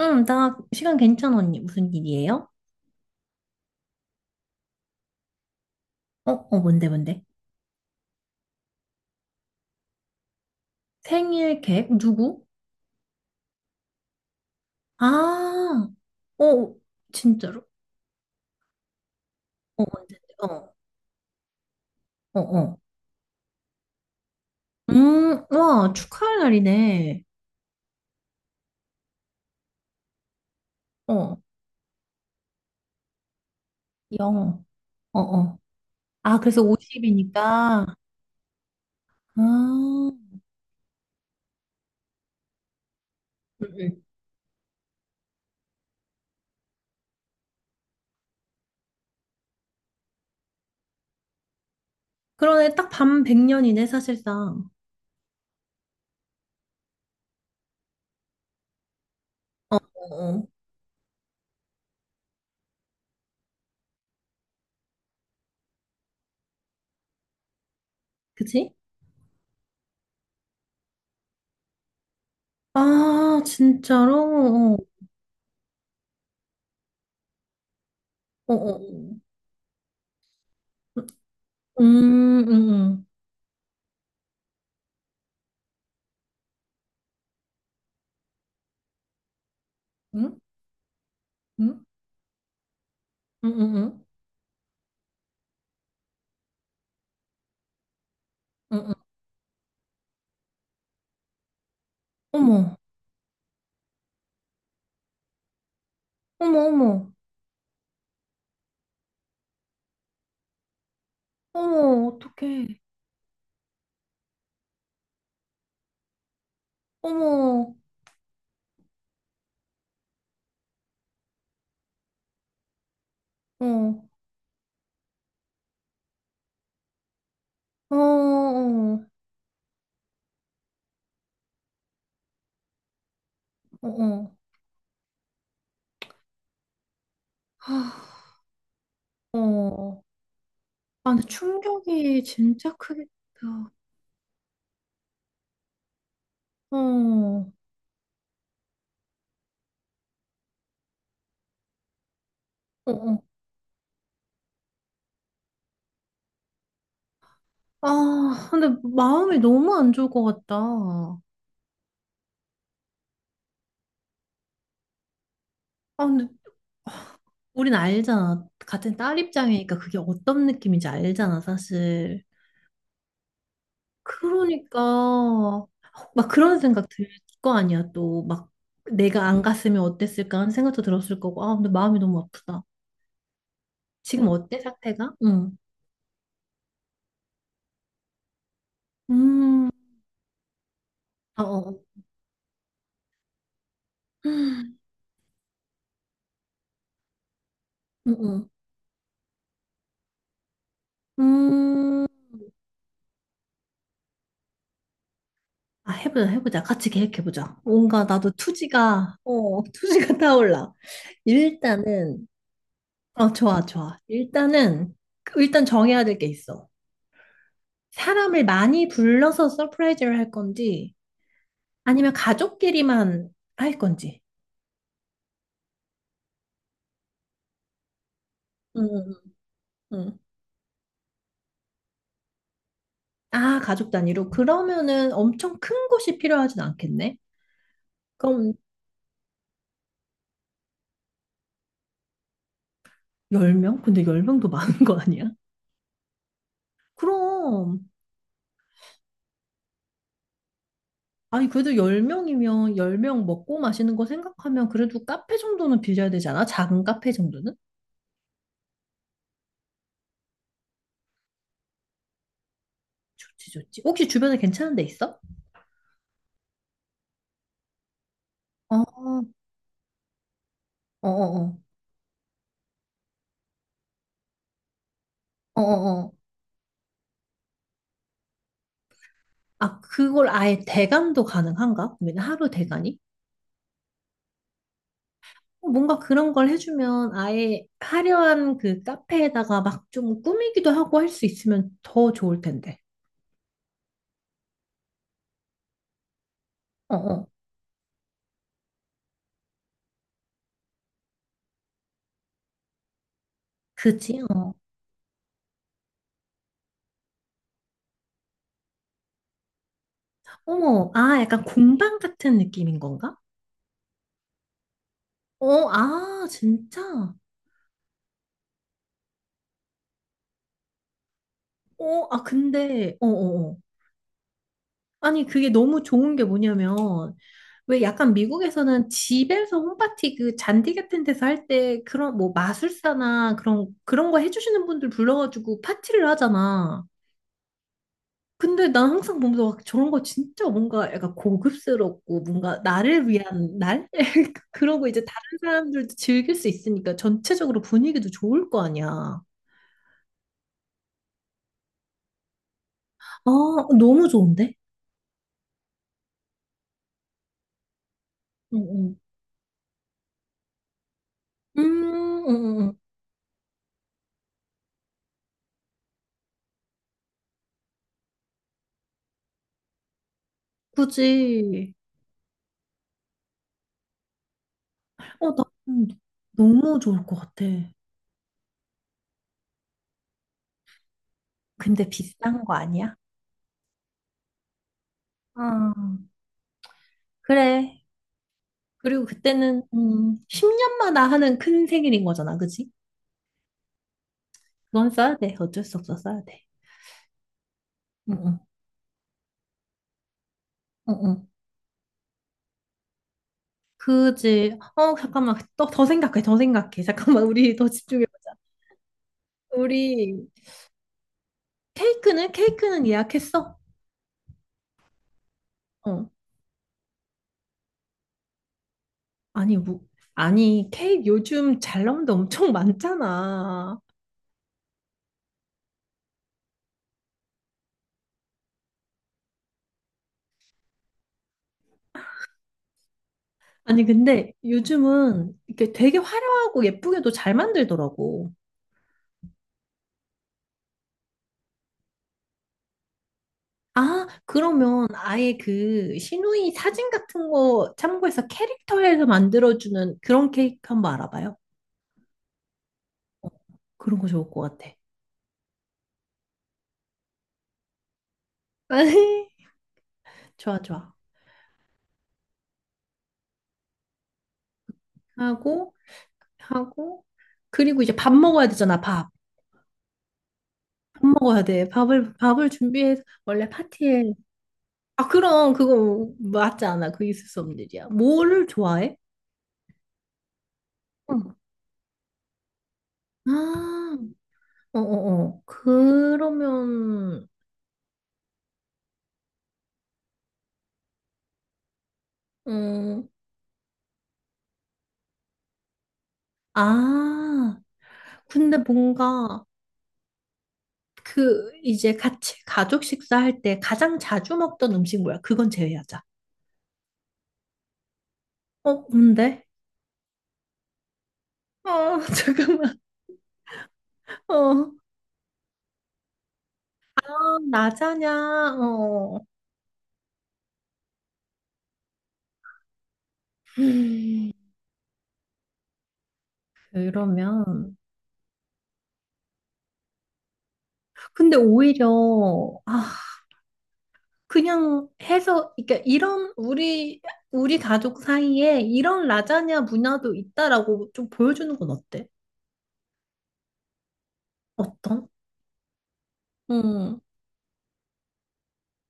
응, 나 시간 괜찮아, 언니. 무슨 일이에요? 어, 어, 뭔데, 뭔데? 생일 계획? 누구? 아, 어, 진짜로? 어, 언제? 어, 어, 어. 와, 축하할 날이네. 어, 영. 어, 어. 아, 그래서 50이니까. 아, 응, 응. 그러네, 딱 밤 100년이네, 사실상. 어, 어, 어. 그치? 아, 진짜로? 어, 어, 어. 음, 음, 음, 음, 음, 음, 음, 음, 음. 어머, 어머, 어머, 어머, 어떡해. 어머, 어, 어, 어, 어, 어. 하, 어. 아, 근데 충격이 진짜 크겠다. 어, 어, 어. 아, 근데 마음이 너무 안 좋을 것 같다. 아, 근데 우린 알잖아. 같은 딸 입장이니까 그게 어떤 느낌인지 알잖아, 사실. 그러니까 막 그런 생각 들 거 아니야? 또 막 내가 안 갔으면 어땠을까 하는 생각도 들었을 거고. 아, 근데 마음이 너무 아프다. 지금 어때, 상태가? 응. 음. 아, 어. 어. 음. 음. 음. 아, 해보자, 해보자, 같이 계획해보자. 뭔가 나도 투지가, 투지가 타올라. 일단은, 좋아, 좋아. 일단은, 일단 정해야 될 게 있어. 사람을 많이 불러서 서프라이즈를 할 건지, 아니면 가족끼리만 할 건지. 음, 음, 음. 아, 가족 단위로. 그러면은 엄청 큰 곳이 필요하진 않겠네? 그럼 10명? 근데 10명도 많은 거 아니야? 그럼. 아니, 그래도 10명이면 10명 먹고 마시는 거 생각하면 그래도 카페 정도는 빌려야 되지 않아? 작은 카페 정도는? 좋지, 좋지. 혹시 주변에 괜찮은 데 있어? 어, 어, 어, 어. 어어어. 아, 그걸 아예 대관도 가능한가? 그러면 하루 대관이? 뭔가 그런 걸 해주면 아예 화려한 그 카페에다가 막 좀 꾸미기도 하고 할 수 있으면 더 좋을 텐데. 어, 어. 그지? 어. 어머, 아, 약간 공방 같은 느낌인 건가? 어, 아, 진짜? 어, 아, 근데, 어, 어, 어. 아니, 그게 너무 좋은 게 뭐냐면, 왜 약간 미국에서는 집에서 홈파티 그 잔디 같은 데서 할 때 그런 뭐 마술사나 그런 거 해주시는 분들 불러가지고 파티를 하잖아. 근데 난 항상 보면서 막 저런 거 진짜 뭔가 약간 고급스럽고 뭔가 나를 위한 날? 그러고 이제 다른 사람들도 즐길 수 있으니까 전체적으로 분위기도 좋을 거 아니야. 아, 너무 좋은데? 응, 응. 응, 응. 그이, 어, 나, 음, 너무 좋을 것 같아. 근데 비싼 거 아니야? 아, 그래. 그리고 그때는, 10년마다 하는 큰 생일인 거잖아, 그치? 그건 써야 돼. 어쩔 수 없어, 써야 돼. 응응. 응응. 그지. 어, 잠깐만. 또, 더 생각해, 더 생각해. 잠깐만, 우리 더 집중해보자. 우리, 케이크는? 케이크는 예약했어? 어. 아니, 뭐, 아니, 케이크 요즘 잘 나온 데 엄청 많잖아. 아니, 근데 요즘은 이렇게 되게 화려하고 예쁘게도 잘 만들더라고. 아, 그러면 아예 그 시누이 사진 같은 거 참고해서 캐릭터에서 만들어주는 그런 케이크 한번 알아봐요. 그런 거 좋을 것 같아. 좋아, 좋아. 하고, 하고, 그리고 이제 밥 먹어야 되잖아, 밥. 밥 먹어야 돼. 밥을 준비해서 원래 파티에. 아, 그럼 그거 맞지 않아. 그 있을 수 없는 일이야. 뭐를 좋아해? 응. 아, 어어어. 그러면, 음, 아, 근데 뭔가 그 이제 같이 가족 식사할 때 가장 자주 먹던 음식 뭐야? 그건 제외하자. 어, 뭔데? 어, 잠깐만. 어, 아, 라자냐. 어. 음. 그러면, 근데 오히려, 아, 그냥 해서, 그러니까 이런 우리 가족 사이에 이런 라자냐 문화도 있다라고 좀 보여주는 건 어때? 어떤? 응,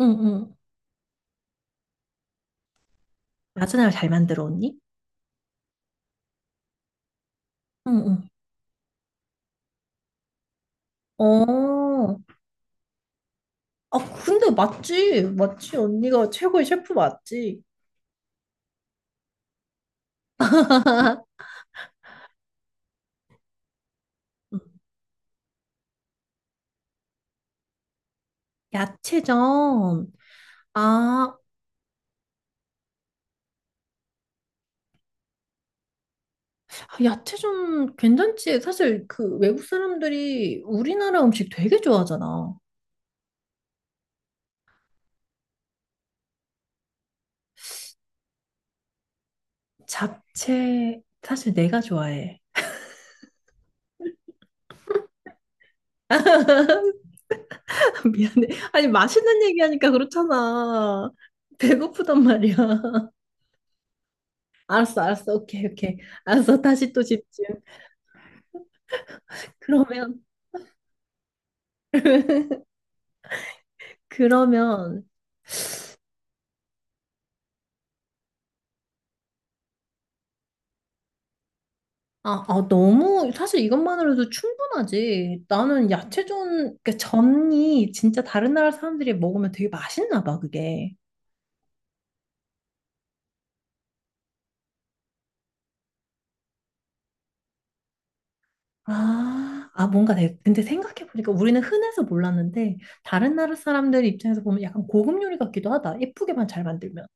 응, 응. 라자냐를 잘 만들어, 언니? 응, 응. 어, 아, 근데 맞지, 맞지, 언니가 최고의 셰프 맞지? 응. 야채전. 아, 야채전 괜찮지. 사실 그 외국 사람들이 우리나라 음식 되게 좋아하잖아. 잡채 사실 내가 좋아해. 미안해. 아니, 맛있는 얘기하니까 그렇잖아. 배고프단 말이야. 알았어, 알았어. 오케이, 오케이. 알았어. 다시 또 집중. 그러면, 그러면, 아, 아, 너무 사실 이것만으로도 충분하지. 나는 야채전, 그러니까 전이 진짜 다른 나라 사람들이 먹으면 되게 맛있나 봐, 그게. 아, 아, 뭔가 근데 생각해보니까 우리는 흔해서 몰랐는데, 다른 나라 사람들 입장에서 보면 약간 고급 요리 같기도 하다. 예쁘게만 잘 만들면.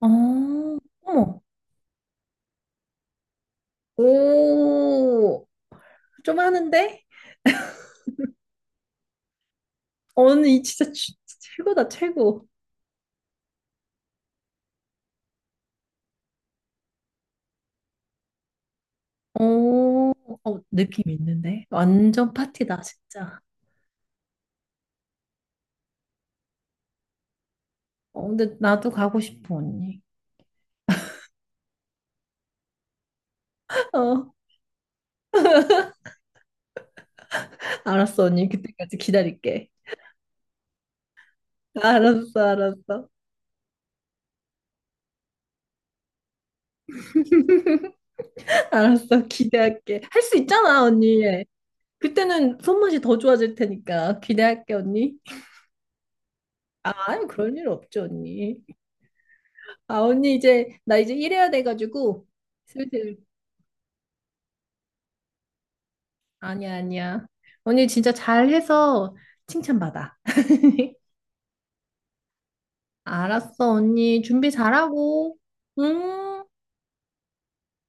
어, 어머. 오, 좀 하는데? 언니 진짜 최고다, 최고. 오, 어, 느낌 있는데? 완전 파티다, 진짜. 어, 근데 나도 가고 싶어, 언니. 어, 알았어, 언니. 그때까지 기다릴게. 알았어, 알았어. 알았어, 기대할게. 할 수 있잖아, 언니. 그때는 손맛이 더 좋아질 테니까 기대할게, 언니. 아, 아유, 그럴 일 없죠, 언니. 아, 언니, 이제 나 이제 일해야 돼가지고 슬슬. 아니야, 아니야. 언니 진짜 잘해서 칭찬받아. 알았어, 언니, 준비 잘하고. 음.